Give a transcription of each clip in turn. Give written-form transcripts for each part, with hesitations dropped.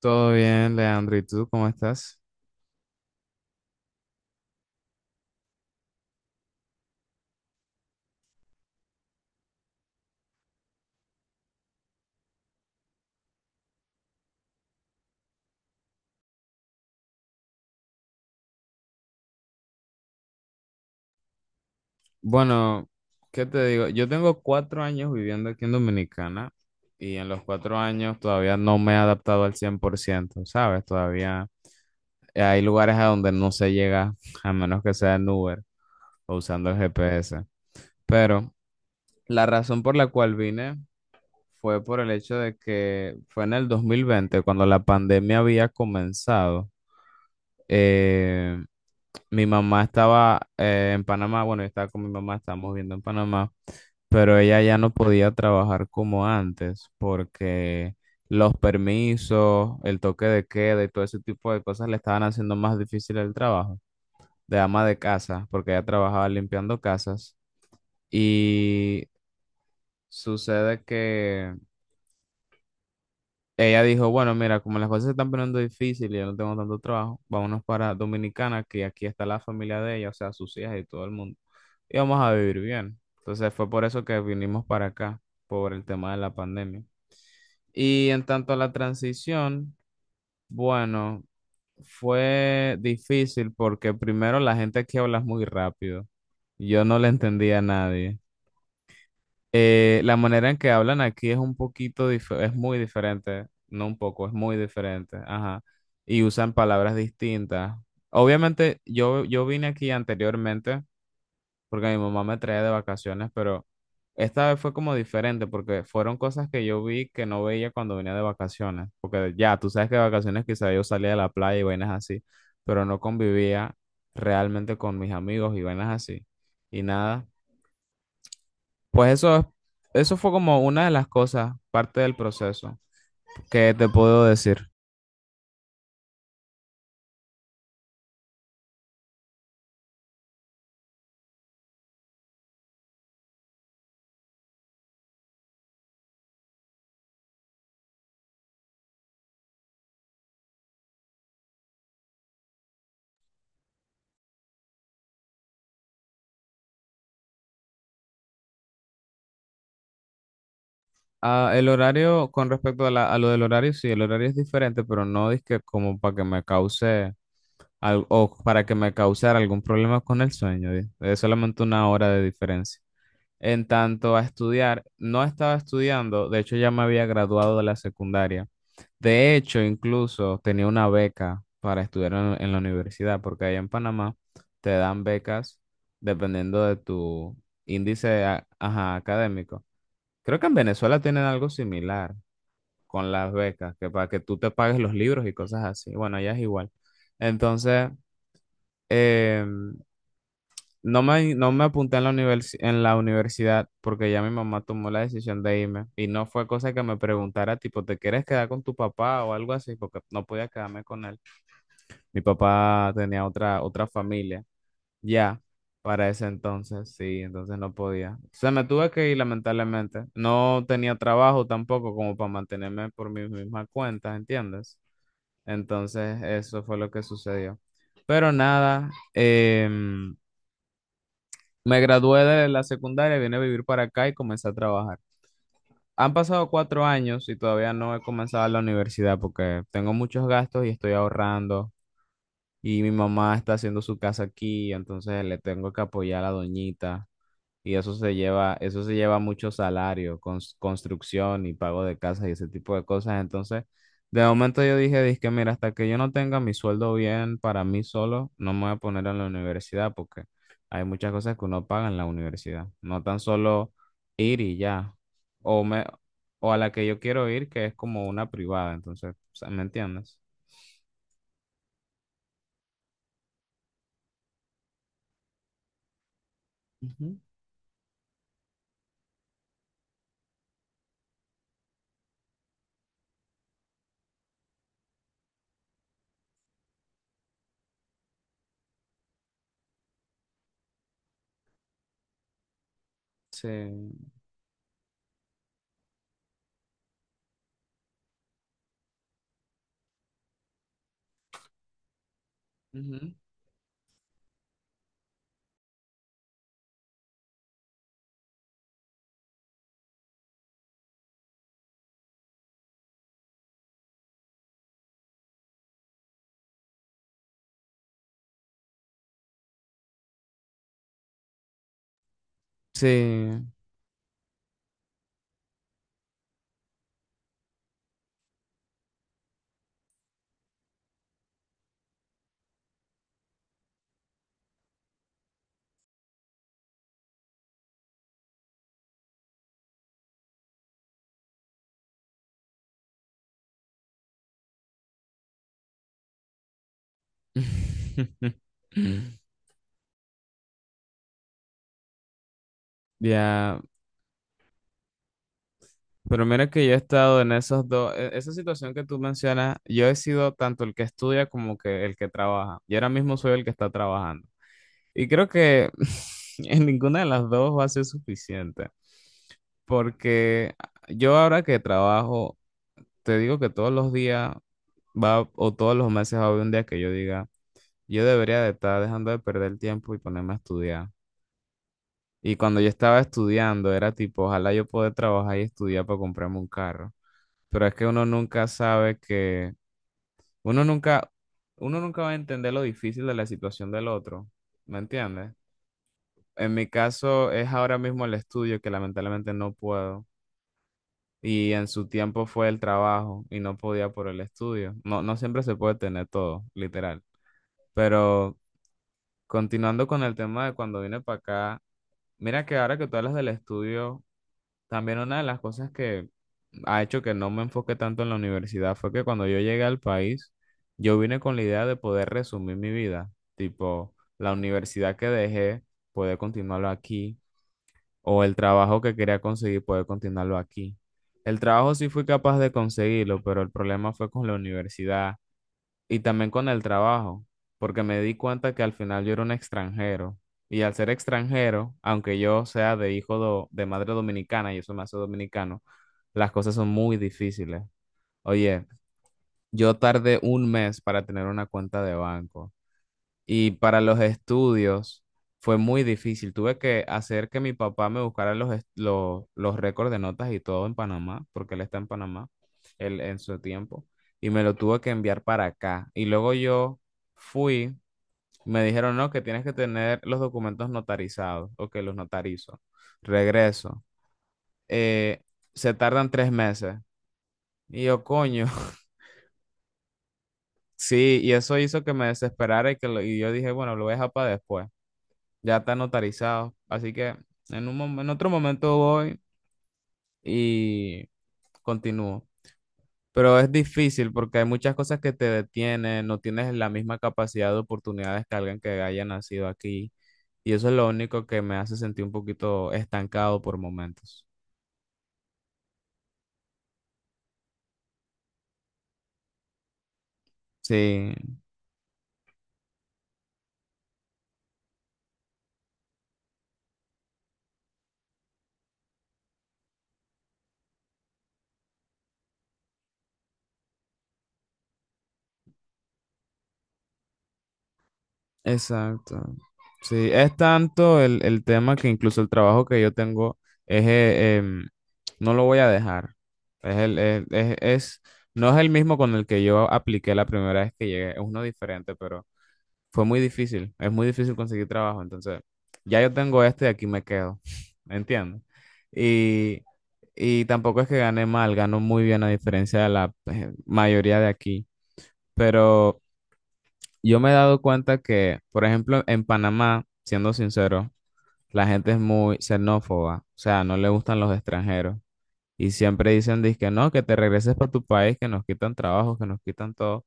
Todo bien, Leandro. ¿Y tú cómo estás? Bueno, ¿qué te digo? Yo tengo 4 años viviendo aquí en Dominicana y en los 4 años todavía no me he adaptado al 100%, ¿sabes? Todavía hay lugares a donde no se llega a menos que sea en Uber o usando el GPS. Pero la razón por la cual vine fue por el hecho de que fue en el 2020 cuando la pandemia había comenzado. Eh, Mi mamá estaba en Panamá, bueno, yo estaba con mi mamá, estábamos viendo en Panamá, pero ella ya no podía trabajar como antes porque los permisos, el toque de queda y todo ese tipo de cosas le estaban haciendo más difícil el trabajo de ama de casa, porque ella trabajaba limpiando casas y sucede que ella dijo, bueno, mira, como las cosas se están poniendo difíciles, y yo no tengo tanto trabajo, vámonos para Dominicana, que aquí está la familia de ella, o sea, sus hijas y todo el mundo. Y vamos a vivir bien. Entonces fue por eso que vinimos para acá, por el tema de la pandemia. Y en tanto a la transición, bueno, fue difícil porque primero la gente aquí habla muy rápido. Yo no le entendía a nadie. La manera en que hablan aquí es un poquito, es muy diferente, no un poco, es muy diferente, ajá, y usan palabras distintas. Obviamente, yo vine aquí anteriormente porque mi mamá me traía de vacaciones, pero esta vez fue como diferente porque fueron cosas que yo vi que no veía cuando venía de vacaciones, porque ya, tú sabes que de vacaciones quizá yo salía de la playa y vainas así, pero no convivía realmente con mis amigos y vainas así, y nada. Pues eso es- Eso fue como una de las cosas, parte del proceso, que te puedo decir. Ah, el horario, con respecto a, a lo del horario, sí, el horario es diferente, pero no es que como para que me cause o para que me causara algún problema con el sueño, es solamente 1 hora de diferencia. En tanto a estudiar, no estaba estudiando, de hecho ya me había graduado de la secundaria. De hecho, incluso tenía una beca para estudiar en la universidad, porque allá en Panamá te dan becas dependiendo de tu ajá, académico. Creo que en Venezuela tienen algo similar con las becas, que para que tú te pagues los libros y cosas así. Bueno, allá es igual. Entonces, eh, no me apunté en en la universidad porque ya mi mamá tomó la decisión de irme y no fue cosa que me preguntara, tipo, ¿te quieres quedar con tu papá o algo así? Porque no podía quedarme con él. Mi papá tenía otra familia ya para ese entonces, sí, entonces no podía. Se me tuve que ir lamentablemente. No tenía trabajo tampoco como para mantenerme por mis mismas cuentas, ¿entiendes? Entonces eso fue lo que sucedió. Pero nada, me gradué de la secundaria, vine a vivir para acá y comencé a trabajar. Han pasado 4 años y todavía no he comenzado la universidad porque tengo muchos gastos y estoy ahorrando. Y mi mamá está haciendo su casa aquí, entonces le tengo que apoyar a la doñita. Y eso se lleva mucho salario, construcción y pago de casa y ese tipo de cosas. Entonces, de momento yo dije, dije mira, hasta que yo no tenga mi sueldo bien para mí solo, no me voy a poner en la universidad porque hay muchas cosas que uno paga en la universidad. No tan solo ir y ya. O me, o a la que yo quiero ir, que es como una privada. Entonces, o sea, ¿me entiendes? Ujú. Sí. Ujú. Sí. Ya, pero mira que yo he estado en esos dos, esa situación que tú mencionas, yo he sido tanto el que estudia como que el que trabaja. Y ahora mismo soy el que está trabajando. Y creo que en ninguna de las dos va a ser suficiente, porque yo ahora que trabajo, te digo que todos los días va o todos los meses va a haber un día que yo diga, yo debería de estar dejando de perder el tiempo y ponerme a estudiar. Y cuando yo estaba estudiando, era tipo, ojalá yo pueda trabajar y estudiar para comprarme un carro. Pero es que uno nunca sabe que, uno nunca, uno nunca va a entender lo difícil de la situación del otro. ¿Me entiendes? En mi caso es ahora mismo el estudio que lamentablemente no puedo. Y en su tiempo fue el trabajo y no podía por el estudio. No, no siempre se puede tener todo, literal. Pero continuando con el tema de cuando vine para acá, mira que ahora que tú hablas del estudio, también una de las cosas que ha hecho que no me enfoque tanto en la universidad fue que cuando yo llegué al país, yo vine con la idea de poder resumir mi vida, tipo la universidad que dejé, poder continuarlo aquí, o el trabajo que quería conseguir, poder continuarlo aquí. El trabajo sí fui capaz de conseguirlo, pero el problema fue con la universidad, y también con el trabajo, porque me di cuenta que al final yo era un extranjero. Y al ser extranjero, aunque yo sea de de madre dominicana y eso me hace dominicano, las cosas son muy difíciles. Oye, yo tardé 1 mes para tener una cuenta de banco. Y para los estudios fue muy difícil. Tuve que hacer que mi papá me buscara los récords de notas y todo en Panamá, porque él está en Panamá, él en su tiempo, y me lo tuvo que enviar para acá. Y luego yo fui, me dijeron, no, que tienes que tener los documentos notarizados, o que los notarizo. Regreso. Eh, Se tardan 3 meses. Y yo, coño, sí, y eso hizo que me desesperara y y yo dije, bueno, lo voy a dejar para después. Ya está notarizado. Así que en otro momento voy y continúo. Pero es difícil porque hay muchas cosas que te detienen, no tienes la misma capacidad de oportunidades que alguien que haya nacido aquí. Y eso es lo único que me hace sentir un poquito estancado por momentos. Sí, exacto. Sí, es tanto el tema que incluso el trabajo que yo tengo es, no lo voy a dejar. Es el- es- No es el mismo con el que yo apliqué la primera vez que llegué, es uno diferente, pero fue muy difícil, es muy difícil conseguir trabajo. Entonces, ya yo tengo este y aquí me quedo, ¿me entiendes? Y, y tampoco es que gane mal, gano muy bien a diferencia de la mayoría de aquí, pero... Yo me he dado cuenta que, por ejemplo, en Panamá, siendo sincero, la gente es muy xenófoba, o sea, no le gustan los extranjeros y siempre dicen, que no, que te regreses para tu país, que nos quitan trabajo, que nos quitan todo.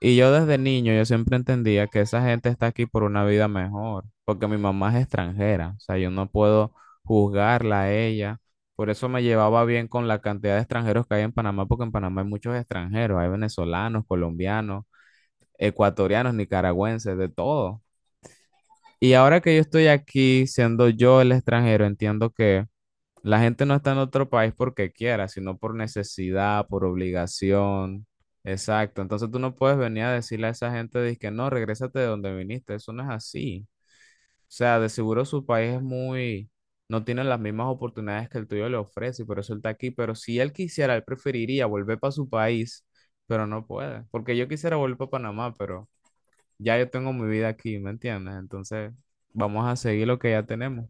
Y yo desde niño, yo siempre entendía que esa gente está aquí por una vida mejor, porque mi mamá es extranjera, o sea, yo no puedo juzgarla a ella. Por eso me llevaba bien con la cantidad de extranjeros que hay en Panamá, porque en Panamá hay muchos extranjeros, hay venezolanos, colombianos, ecuatorianos, nicaragüenses, de todo. Y ahora que yo estoy aquí, siendo yo el extranjero, entiendo que la gente no está en otro país porque quiera, sino por necesidad, por obligación. Exacto. Entonces tú no puedes venir a decirle a esa gente, de que no, regrésate de donde viniste. Eso no es así. O sea, de seguro su país es muy, no tiene las mismas oportunidades que el tuyo le ofrece y por eso él está aquí. Pero si él quisiera, él preferiría volver para su país, pero no puede. Porque yo quisiera volver para Panamá, pero ya yo tengo mi vida aquí, ¿me entiendes? Entonces, vamos a seguir lo que ya tenemos.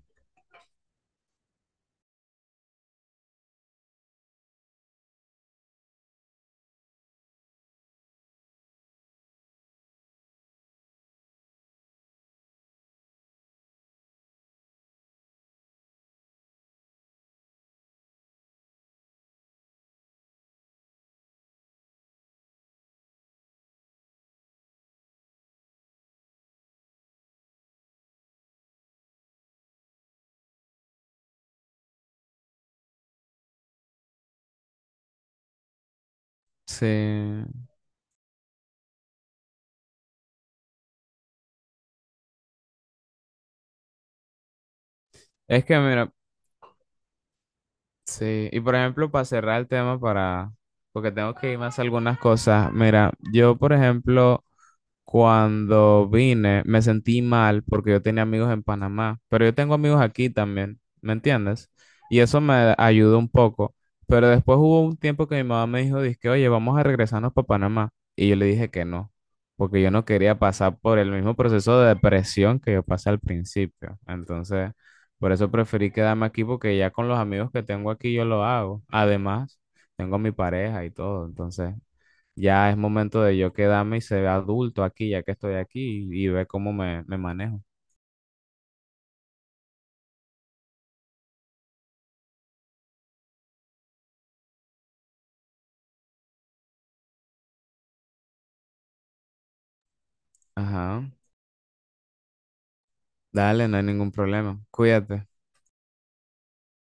Sí. Es que, mira, sí. Y por ejemplo, para cerrar el tema, para, porque tengo que irme a hacer algunas cosas. Mira, yo, por ejemplo, cuando vine, me sentí mal porque yo tenía amigos en Panamá, pero yo tengo amigos aquí también, ¿me entiendes? Y eso me ayudó un poco. Pero después hubo un tiempo que mi mamá me dijo, dizque, oye, vamos a regresarnos para Panamá. Y yo le dije que no, porque yo no quería pasar por el mismo proceso de depresión que yo pasé al principio. Entonces, por eso preferí quedarme aquí porque ya con los amigos que tengo aquí yo lo hago. Además, tengo a mi pareja y todo, entonces... Ya es momento de yo quedarme y ser adulto aquí, ya que estoy aquí, y ver cómo me, me manejo. Ajá. Dale, no hay ningún problema. Cuídate.